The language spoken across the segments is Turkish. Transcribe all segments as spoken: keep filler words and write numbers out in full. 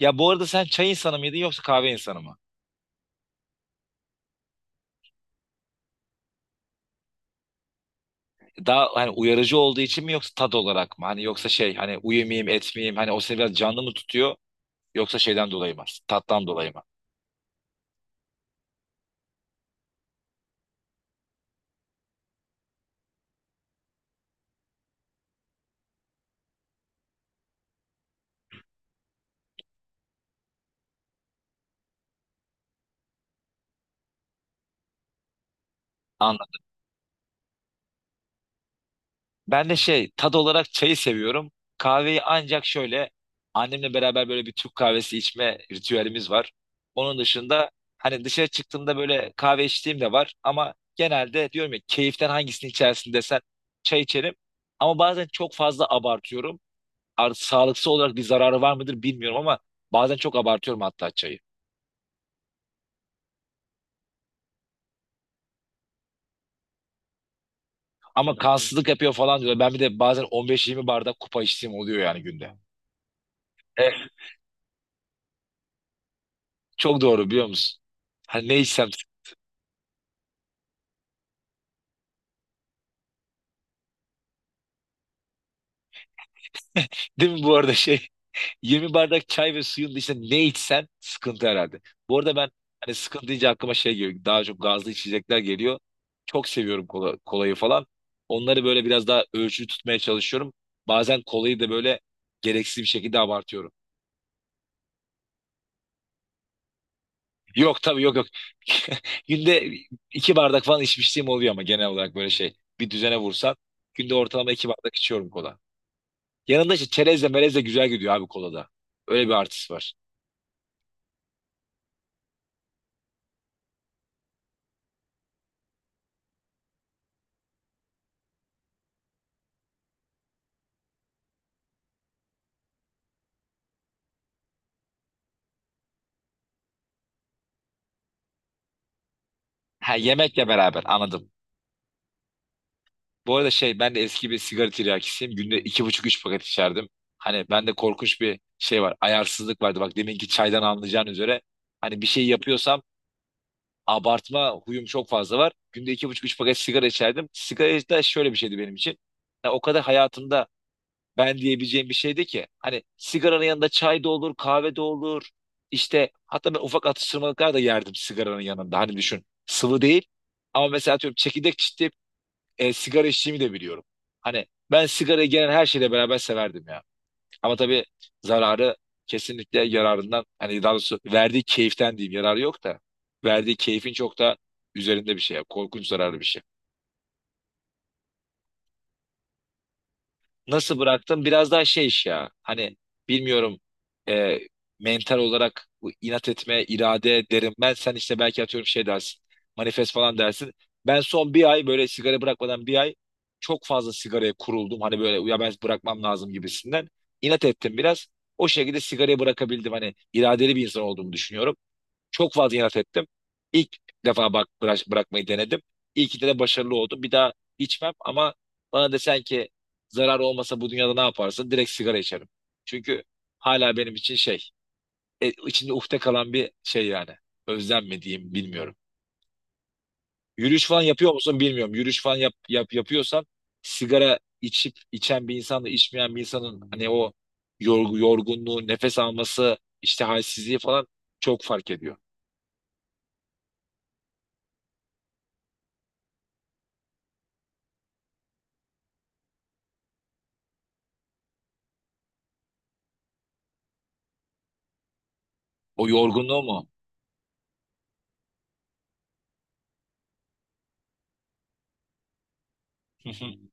Ya bu arada sen çay insanı mıydın yoksa kahve insanı mı? Daha hani uyarıcı olduğu için mi yoksa tat olarak mı? Hani yoksa şey hani uyumayayım etmeyeyim hani o seni biraz canlı mı tutuyor yoksa şeyden dolayı mı? Tattan dolayı mı? Anladım. Ben de şey tat olarak çayı seviyorum. Kahveyi ancak şöyle annemle beraber böyle bir Türk kahvesi içme ritüelimiz var. Onun dışında hani dışarı çıktığımda böyle kahve içtiğim de var ama genelde diyorum ya keyiften hangisini içersin desen çay içerim. Ama bazen çok fazla abartıyorum. Ar- sağlıksal olarak bir zararı var mıdır bilmiyorum ama bazen çok abartıyorum hatta çayı. Ama kansızlık yapıyor falan diyor. Ben bir de bazen on beş yirmi bardak kupa içtiğim oluyor yani günde. Evet, çok doğru biliyor musun? Hani ne içsem. Değil mi bu arada şey. yirmi bardak çay ve suyun dışında ne içsen sıkıntı herhalde. Bu arada ben hani sıkıntı deyince aklıma şey geliyor. Daha çok gazlı içecekler geliyor. Çok seviyorum kola, kolayı falan. Onları böyle biraz daha ölçülü tutmaya çalışıyorum. Bazen kolayı da böyle gereksiz bir şekilde abartıyorum. Yok tabii, yok yok. Günde iki bardak falan içmişliğim oluyor ama genel olarak böyle şey. Bir düzene vursan günde ortalama iki bardak içiyorum kola. Yanında işte çerezle melezle güzel gidiyor abi kolada. Öyle bir artısı var. Ha, yemekle beraber, anladım. Bu arada şey, ben de eski bir sigara tiryakisiyim. Günde iki buçuk üç paket içerdim. Hani bende korkunç bir şey var. Ayarsızlık vardı. Bak, deminki çaydan anlayacağın üzere. Hani bir şey yapıyorsam abartma huyum çok fazla var. Günde iki buçuk üç paket sigara içerdim. Sigara da şöyle bir şeydi benim için. Ya o kadar hayatımda ben diyebileceğim bir şeydi ki. Hani sigaranın yanında çay da olur, kahve de olur. İşte hatta ben ufak atıştırmalıklar da yerdim sigaranın yanında. Hani düşün, sıvı değil. Ama mesela atıyorum, çekirdek çitleyip e, sigara içtiğimi de biliyorum. Hani ben sigarayı gelen her şeyle beraber severdim ya. Ama tabii zararı kesinlikle yararından, hani daha doğrusu verdiği keyiften diyeyim, yararı yok da verdiği keyfin çok da üzerinde bir şey. Korkunç zararlı bir şey. Nasıl bıraktım? Biraz daha şey iş ya. Hani bilmiyorum, e, mental olarak bu inat etme, irade derim. Ben sen işte belki atıyorum şey dersin. Manifest falan dersin. Ben son bir ay böyle sigara bırakmadan, bir ay çok fazla sigaraya kuruldum. Hani böyle ya, ben bırakmam lazım gibisinden. İnat ettim biraz. O şekilde sigarayı bırakabildim. Hani iradeli bir insan olduğumu düşünüyorum. Çok fazla inat ettim. İlk defa bak bırak, bırakmayı denedim. İlk de, de başarılı oldum. Bir daha içmem ama bana desen ki zarar olmasa bu dünyada ne yaparsın? Direkt sigara içerim. Çünkü hala benim için şey, e, içinde ufte kalan bir şey yani. Özlem mi diyeyim bilmiyorum. Yürüyüş falan yapıyor musun bilmiyorum. Yürüyüş falan yap, yap, yapıyorsan sigara içip içen bir insanla içmeyen bir insanın hani o yorgu, yorgunluğu, nefes alması, işte halsizliği falan çok fark ediyor. O yorgunluğu mu?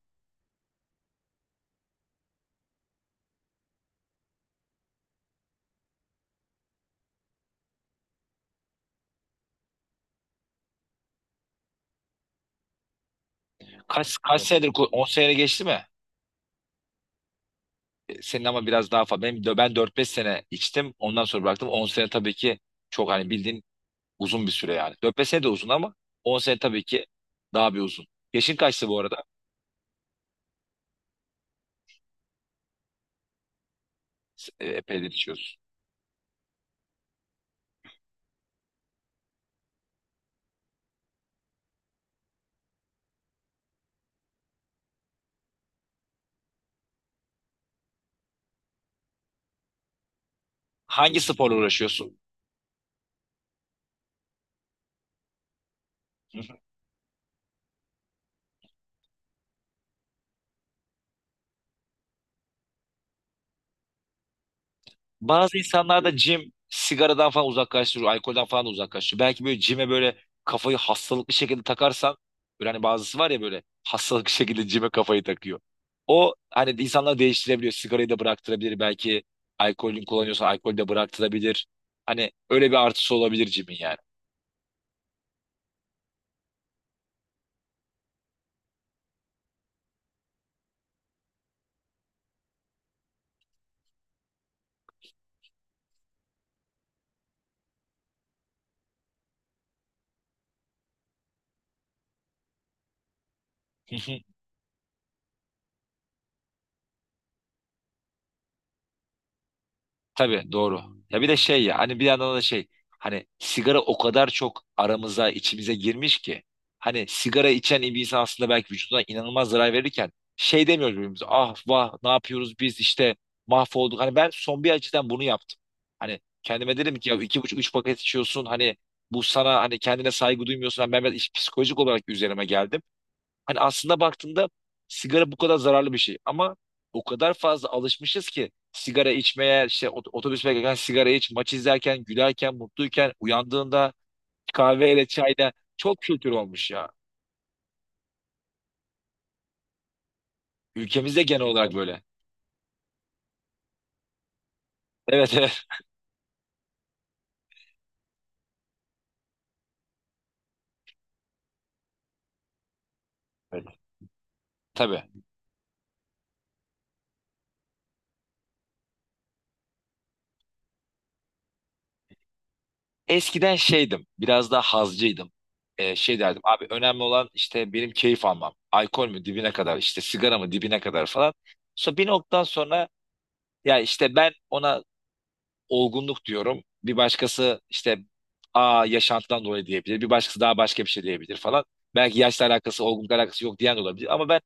Kaç kaç Evet. senedir ku- on sene geçti mi? E, Senin ama biraz daha fazla. Benim, dö- ben dört beş sene içtim. Ondan sonra bıraktım. On sene tabii ki çok, hani bildiğin uzun bir süre yani. Dört beş sene de uzun ama on sene tabii ki daha bir uzun. Yaşın kaçtı bu arada? S- e, Epeydir içiyorsun. Hangi sporla uğraşıyorsun? Bazı insanlar da cim sigaradan falan uzaklaştırıyor, alkolden falan da uzaklaştırıyor. Belki böyle cime böyle kafayı hastalıklı şekilde takarsan, böyle hani bazısı var ya, böyle hastalıklı şekilde cime kafayı takıyor. O hani insanlar değiştirebiliyor. Sigarayı da bıraktırabilir. Belki alkolün kullanıyorsa alkolü de bıraktırabilir. Hani öyle bir artısı olabilir cimin yani. Tabii, doğru. Ya bir de şey ya, hani bir yandan da şey, hani sigara o kadar çok aramıza, içimize girmiş ki hani sigara içen bir insan aslında belki vücuduna inanılmaz zarar verirken şey demiyoruz birbirimize, ah vah ne yapıyoruz biz işte mahvolduk. Hani ben son bir açıdan bunu yaptım. Hani kendime dedim ki ya iki buçuk üç paket içiyorsun, hani bu sana, hani kendine saygı duymuyorsun. Hani ben biraz iş- psikolojik olarak üzerime geldim. Hani aslında baktığında sigara bu kadar zararlı bir şey ama o kadar fazla alışmışız ki sigara içmeye, işte ot- otobüs beklerken sigara iç, maç izlerken, gülerken, mutluyken, uyandığında kahveyle, çayla çok kültür olmuş ya. Ülkemizde genel olarak böyle. Evet, evet. Evet. Tabii. Eskiden şeydim, biraz daha hazcıydım. Ee, şey derdim, abi önemli olan işte benim keyif almam. Alkol mü dibine kadar, işte sigara mı dibine kadar falan. Sonra bir noktadan sonra, ya işte ben ona olgunluk diyorum. Bir başkası işte a yaşantıdan dolayı diyebilir. Bir başkası daha başka bir şey diyebilir falan. Belki yaşla alakası, olgunlukla alakası yok diyen de olabilir. Ama ben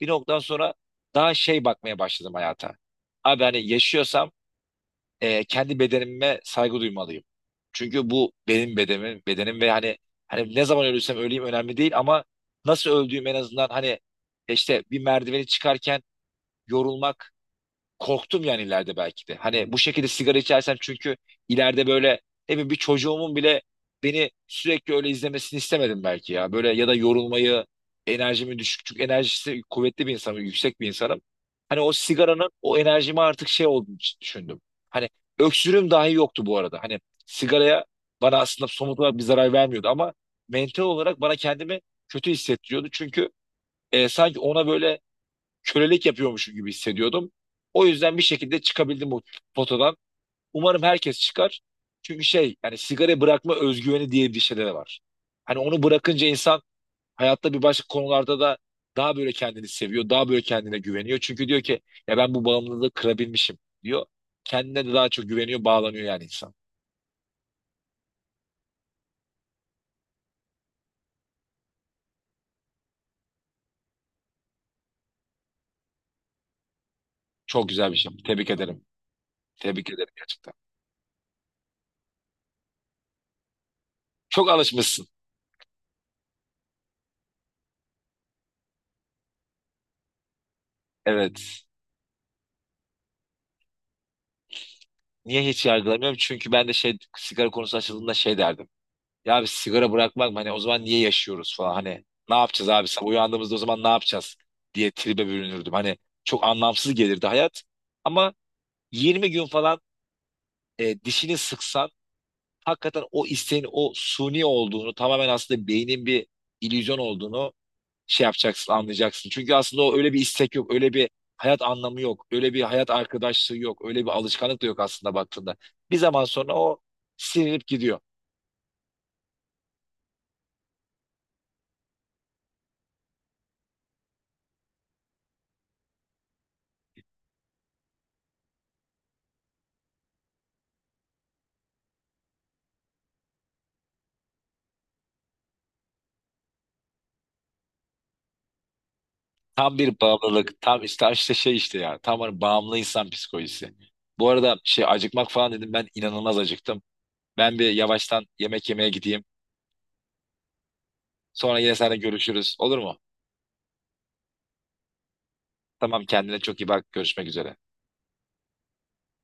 bir noktadan sonra daha şey bakmaya başladım hayata. Abi hani yaşıyorsam e, kendi bedenime saygı duymalıyım. Çünkü bu benim bedenim, bedenim ve hani, hani ne zaman ölürsem öleyim önemli değil ama nasıl öldüğüm en azından hani, e, işte bir merdiveni çıkarken yorulmak korktum yani ileride belki de. Hani bu şekilde sigara içersem çünkü ileride böyle ne bileyim bir çocuğumun bile beni sürekli öyle izlemesini istemedim belki ya. Böyle ya da yorulmayı, enerjimi düşük. Çünkü enerjisi kuvvetli bir insanım, yüksek bir insanım. Hani o sigaranın o enerjime artık şey olduğunu düşündüm. Hani öksürüğüm dahi yoktu bu arada. Hani sigaraya, bana aslında somut olarak bir zarar vermiyordu ama mental olarak bana kendimi kötü hissettiriyordu. Çünkü e, sanki ona böyle kölelik yapıyormuşum gibi hissediyordum. O yüzden bir şekilde çıkabildim bu potadan. Umarım herkes çıkar. Çünkü şey yani sigara bırakma özgüveni diye bir şeyler var. Hani onu bırakınca insan hayatta bir başka konularda da daha böyle kendini seviyor, daha böyle kendine güveniyor. Çünkü diyor ki ya, ben bu bağımlılığı kırabilmişim diyor. Kendine de daha çok güveniyor, bağlanıyor yani insan. Çok güzel bir şey. Tebrik ederim. Tebrik ederim gerçekten. Çok alışmışsın. Evet. Niye hiç yargılamıyorum? Çünkü ben de şey sigara konusu açıldığında şey derdim. Ya abi sigara bırakmak mı? Hani o zaman niye yaşıyoruz falan, hani ne yapacağız abi sabah uyandığımızda, o zaman ne yapacağız diye tribe bürünürdüm. Hani çok anlamsız gelirdi hayat ama yirmi gün falan, e, dişini sıksan hakikaten o isteğin o suni olduğunu, tamamen aslında beynin bir illüzyon olduğunu şey yapacaksın, anlayacaksın. Çünkü aslında o, öyle bir istek yok, öyle bir hayat anlamı yok, öyle bir hayat arkadaşlığı yok, öyle bir alışkanlık da yok aslında baktığında. Bir zaman sonra o silinip gidiyor. Tam bir bağımlılık. Tam işte, işte şey, işte ya. Tam hani bağımlı insan psikolojisi. Bu arada şey, acıkmak falan dedim. Ben inanılmaz acıktım. Ben bir yavaştan yemek yemeye gideyim. Sonra yine seninle görüşürüz. Olur mu? Tamam, kendine çok iyi bak. Görüşmek üzere.